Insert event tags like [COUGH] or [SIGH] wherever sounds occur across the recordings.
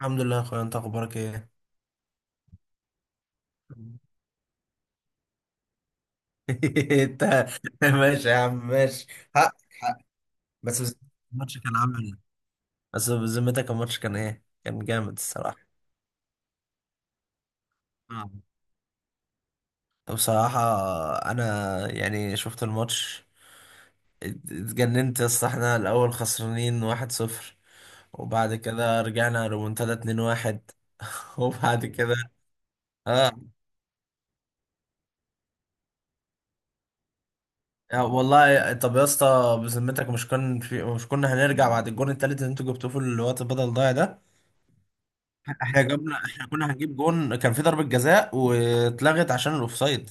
الحمد لله يا اخويا، انت اخبارك ايه؟ [LAUGHS] انت ماشي يا عم ماشي. حق حق. بس بس- الماتش كان عامل ايه؟ بس بذمتك الماتش كان ايه؟ كان جامد الصراحه. نعم. بصراحه انا يعني شفت الماتش. اتجننت يا اسطى، احنا الاول خسرانين 1-0 وبعد كده رجعنا ريمونتادا 2-1. [LAUGHS] وبعد كده اه. يا والله، طب يا اسطى بذمتك مش كان في مش كنا هنرجع بعد الجون التالت اللي انتوا جبتوه في الوقت بدل ضايع ده؟ احنا كنا هنجيب جون، كان في ضربة جزاء واتلغت عشان الاوفسايد.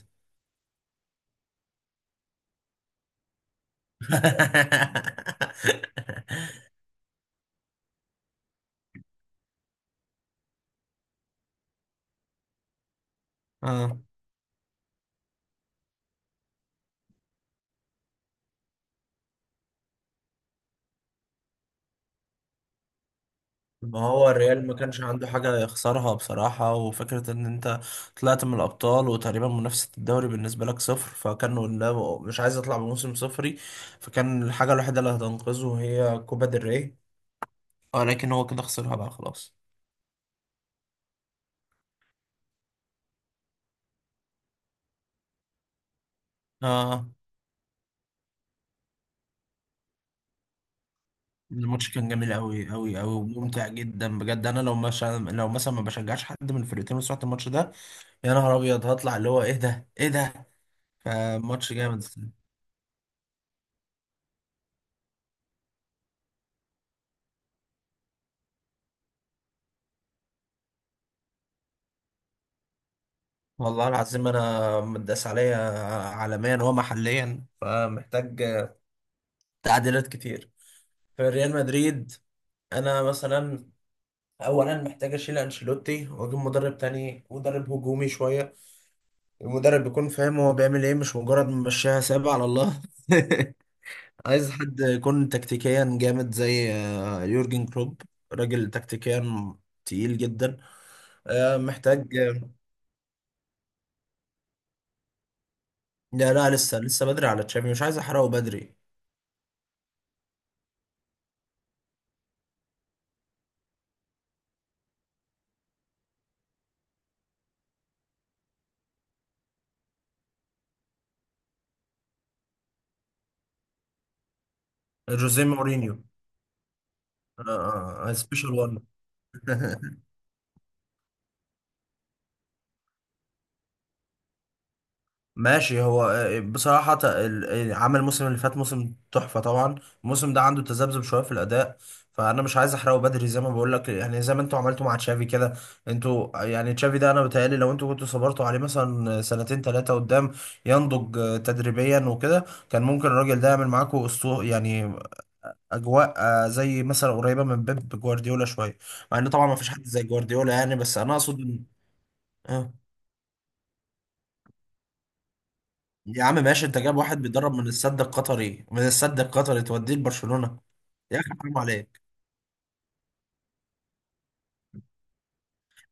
[LAUGHS] اه. ما هو الريال ما كانش عنده حاجة يخسرها بصراحة، وفكرة ان انت طلعت من الابطال وتقريبا منافسة الدوري بالنسبة لك صفر، فكان قدامه مش عايز يطلع بموسم صفري، فكان الحاجة الوحيدة اللي هتنقذه هي كوبا دري، ولكن هو كده خسرها بقى خلاص. اه. الماتش كان جميل قوي قوي قوي وممتع جدا بجد. انا لو مثلا لو مثلا ما بشجعش حد من الفرقتين وسمعت الماتش ده، يا نهار ابيض، هطلع اللي هو ايه ده ايه ده. فماتش جامد. والله العظيم انا متداس عليا عالميا ومحليا، فمحتاج تعديلات كتير في ريال مدريد. انا مثلا اولا محتاج اشيل انشيلوتي واجيب مدرب تاني، مدرب هجومي شويه. المدرب يكون فاهم هو بيعمل ايه، مش مجرد ممشيها سابع على الله. [LAUGHS] عايز حد يكون تكتيكيا جامد زي يورجن كلوب. راجل تكتيكيا تقيل جدا. آه، محتاج آه، لا لا، لسه لسه بدري على تشافي، مش عايز احرقه بدري. جوزيه مورينيو. سبيشال وان. [LAUGHS] ماشي. هو بصراحة عمل الموسم اللي فات موسم تحفة طبعا. الموسم ده عنده تذبذب شوية في الأداء، فأنا مش عايز أحرقه بدري زي ما بقول لك. يعني زي ما أنتوا عملتوا مع تشافي كده. أنتوا يعني تشافي ده أنا بيتهيألي لو أنتوا كنتوا صبرتوا عليه مثلا سنتين ثلاثة قدام، ينضج تدريبيا وكده، كان ممكن الراجل ده يعمل معاكوا أسطو يعني. أجواء زي مثلا قريبة من بيب جوارديولا شوية، مع إن طبعا ما فيش حد زي جوارديولا يعني، بس أنا أقصد إن- آه. يا عم ماشي، انت جايب واحد بيدرب من السد القطري من السد القطري توديه لبرشلونة؟ يا اخي حرام عليك.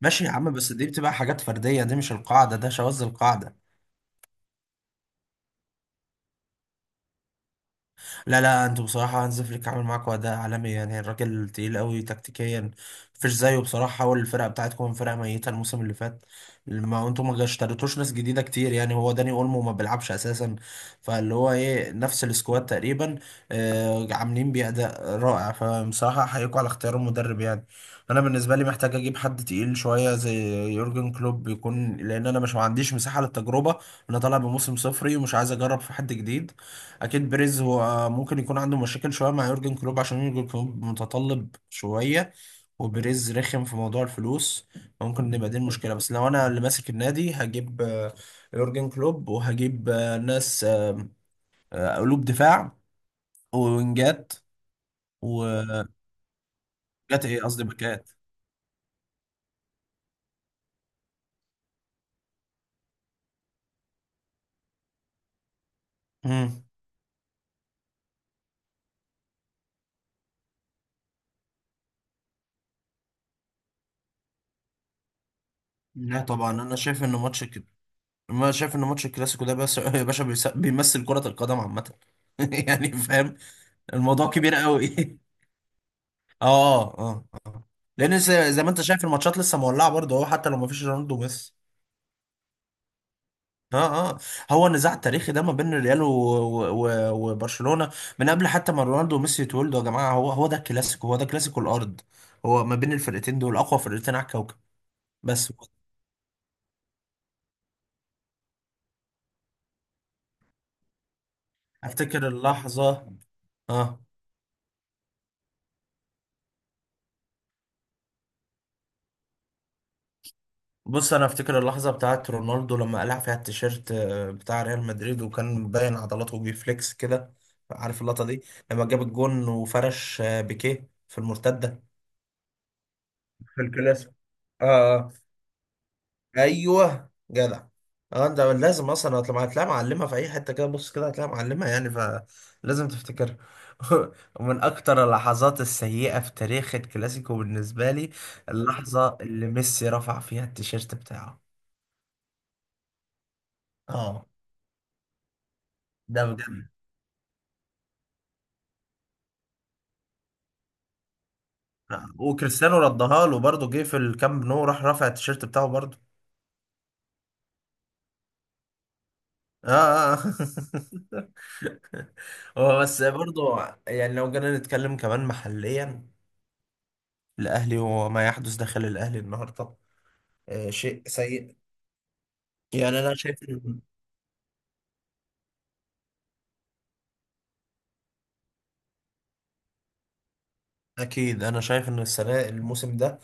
ماشي يا عم، بس دي بتبقى حاجات فردية، دي مش القاعدة، ده شواذ القاعدة. لا لا، انتوا بصراحة هانز فليك عامل معاكوا أداء عالمي يعني، الراجل تقيل قوي تكتيكيا، مفيش زيه بصراحة. حول الفرقة بتاعتكم من فرقة ميتة الموسم اللي فات. ما انتوا ما اشتريتوش ناس جديدة كتير يعني، هو داني اولمو ما بيلعبش أساسا، فاللي هو ايه نفس السكواد تقريبا، آه، عاملين بيه أداء رائع. فبصراحة أحييكوا على اختيار المدرب يعني. أنا بالنسبة لي محتاج أجيب حد تقيل شوية زي يورجن كلوب يكون، لأن أنا مش ما عنديش مساحة للتجربة. أنا طالع بموسم صفري ومش عايز أجرب في حد جديد. اكيد بريز هو ممكن يكون عنده مشاكل شويه مع يورجن كلوب، عشان يورجن كلوب متطلب شويه وبريز رخم في موضوع الفلوس، ممكن نبقى دي المشكله. بس لو انا اللي ماسك النادي هجيب يورجن كلوب، وهجيب آه، ناس آه، آه، قلوب دفاع ووينجات وجات. ايه قصدي باكات. مم. لا طبعا، انا شايف ان ماتش كده، ما شايف ان ماتش الكلاسيكو ده بس [LAUGHS] يا باشا، بيمثل كرة القدم عامة. [LAUGHS] يعني فاهم. الموضوع كبير قوي. [LAUGHS] اه اه اه اه. لان زي ما انت شايف، الماتشات لسه مولعه برضه اهو حتى لو ما فيش رونالدو بس. اه اه. هو النزاع التاريخي ده ما بين الريال و... و... و... وبرشلونه، من قبل حتى ما رونالدو وميسي يتولدوا يا جماعه. هو هو ده الكلاسيكو، هو ده كلاسيكو الارض. هو ما بين الفرقتين دول اقوى فرقتين على الكوكب. بس افتكر اللحظه. اه. بص انا افتكر اللحظه بتاعت رونالدو لما قلع فيها التيشيرت بتاع ريال مدريد، وكان مبين عضلاته وبيفليكس كده. عارف اللقطه دي، لما جاب الجون وفرش بيكيه في المرتده في الكلاسيكو. اه آه. ايوه جدع. اه ده لازم اصلا هتلاقيها، هتلاقيها معلمه في اي حته كده، بص كده هتلاقيها معلمه يعني، فلازم تفتكرها. [LAUGHS] ومن اكتر اللحظات السيئه في تاريخ الكلاسيكو بالنسبه لي، اللحظه اللي ميسي رفع فيها التيشيرت بتاعه. اه ده بجد. وكريستيانو ردها له برضه، جه في الكامب نو راح رافع التيشيرت بتاعه برضه. اه اه آه. [LAUGHS] هو بس برضه، يعني لو جينا نتكلم كمان محليا، الاهلي وما يحدث داخل الاهلي النهارده آه شيء سيء. يعني اكيد انا شايف ان السنه، الموسم ده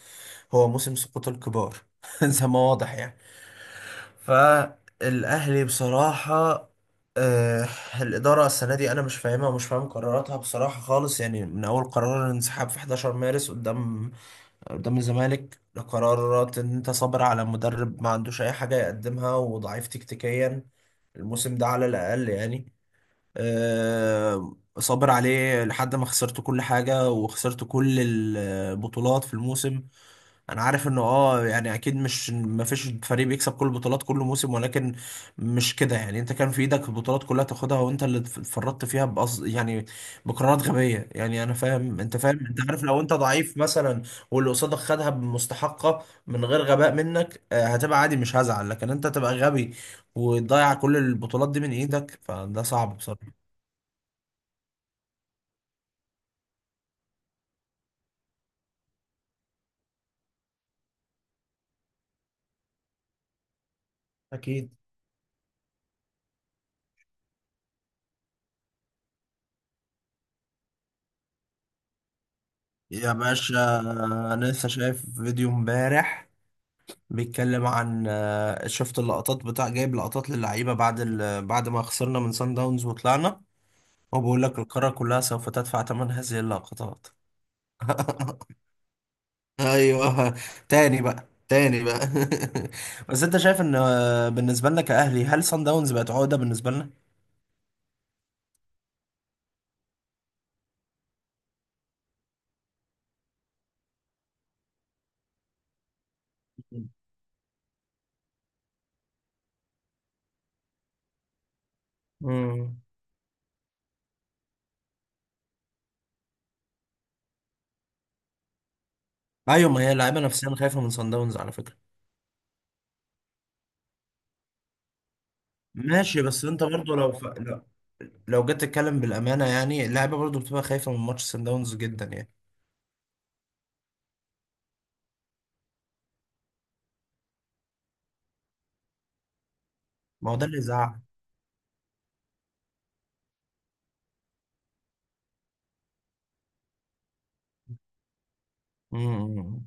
هو موسم سقوط الكبار. [LAUGHS] زي ما واضح يعني. فالاهلي بصراحه آه، الإدارة السنة دي أنا مش فاهمها ومش فاهم قراراتها بصراحة خالص. يعني من أول قرار الانسحاب في 11 مارس قدام الزمالك، لقرارات إن أنت صابر على مدرب ما عندوش أي حاجة يقدمها، وضعيف تكتيكيا الموسم ده على الأقل يعني، صابر عليه لحد ما خسرت كل حاجة وخسرت كل البطولات في الموسم. انا عارف انه اه يعني اكيد مش، ما فيش فريق بيكسب كل البطولات كل موسم، ولكن مش كده يعني. انت كان في ايدك البطولات كلها تاخدها وانت اللي اتفرطت فيها بقصد يعني، بقرارات غبيه يعني. انا فاهم، انت فاهم، انت عارف لو انت ضعيف مثلا واللي قصادك خدها بمستحقه من غير غباء منك، هتبقى عادي، مش هزعل. لكن انت تبقى غبي وتضيع كل البطولات دي من ايدك، فده صعب بصراحه. أكيد. يا باشا انا لسه شايف فيديو امبارح بيتكلم عن شفت اللقطات، بتاع جايب لقطات للعيبه بعد ما خسرنا من سان داونز وطلعنا. هو بيقول لك القاره كلها سوف تدفع ثمن هذه اللقطات. [LAUGHS] ايوه. تاني بقى، تاني بقى. [LAUGHS] بس انت شايف ان بالنسبه لنا كاهلي، هل سان داونز بقت عقده بالنسبه لنا؟ مم. ايوه، ما هي اللعيبه نفسيا خايفه من سان داونز على فكره. ماشي بس انت برضو لا. لو جيت تتكلم بالامانه يعني، اللعيبه برضو بتبقى خايفه من ماتش سان داونز جدا يعني. ما هو ده اللي يزعل. مم.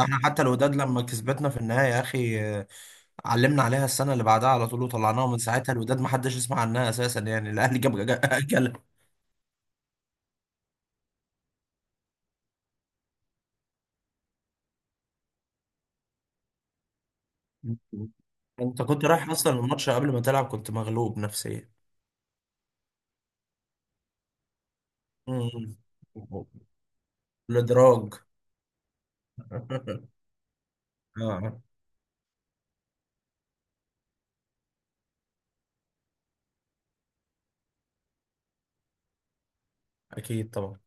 احنا حتى الوداد لما كسبتنا في النهاية يا اخي، علمنا عليها السنة اللي بعدها على طول وطلعناها، من ساعتها الوداد ما حدش يسمع عنها اساسا يعني. الاهلي جاب جل. انت كنت رايح اصلا الماتش قبل ما تلعب كنت مغلوب نفسيا. مم. الادراج. [LAUGHS] اه. اكيد طبعا.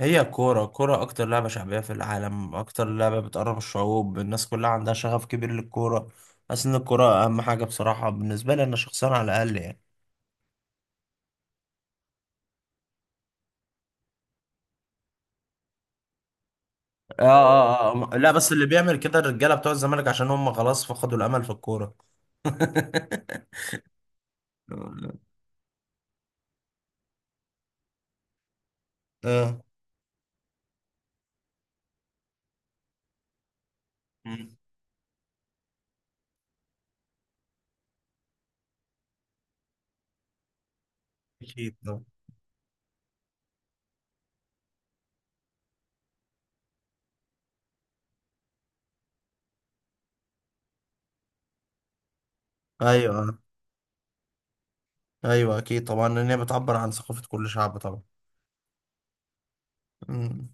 هي الكوره، الكوره اكتر لعبه شعبيه في العالم، اكتر لعبه بتقرب الشعوب، الناس كلها عندها شغف كبير للكوره. حاسس ان الكوره اهم حاجه بصراحه بالنسبه لي انا شخصيا، على الاقل يعني. اه اه اه لا، بس اللي بيعمل كده الرجاله بتوع الزمالك عشان هم خلاص فقدوا الامل في الكوره. [LAUGHS] اه. مم. اكيد طبعا. ايوه. ايوه اكيد طبعا، لان هي بتعبر عن ثقافه كل شعب طبعا. مم.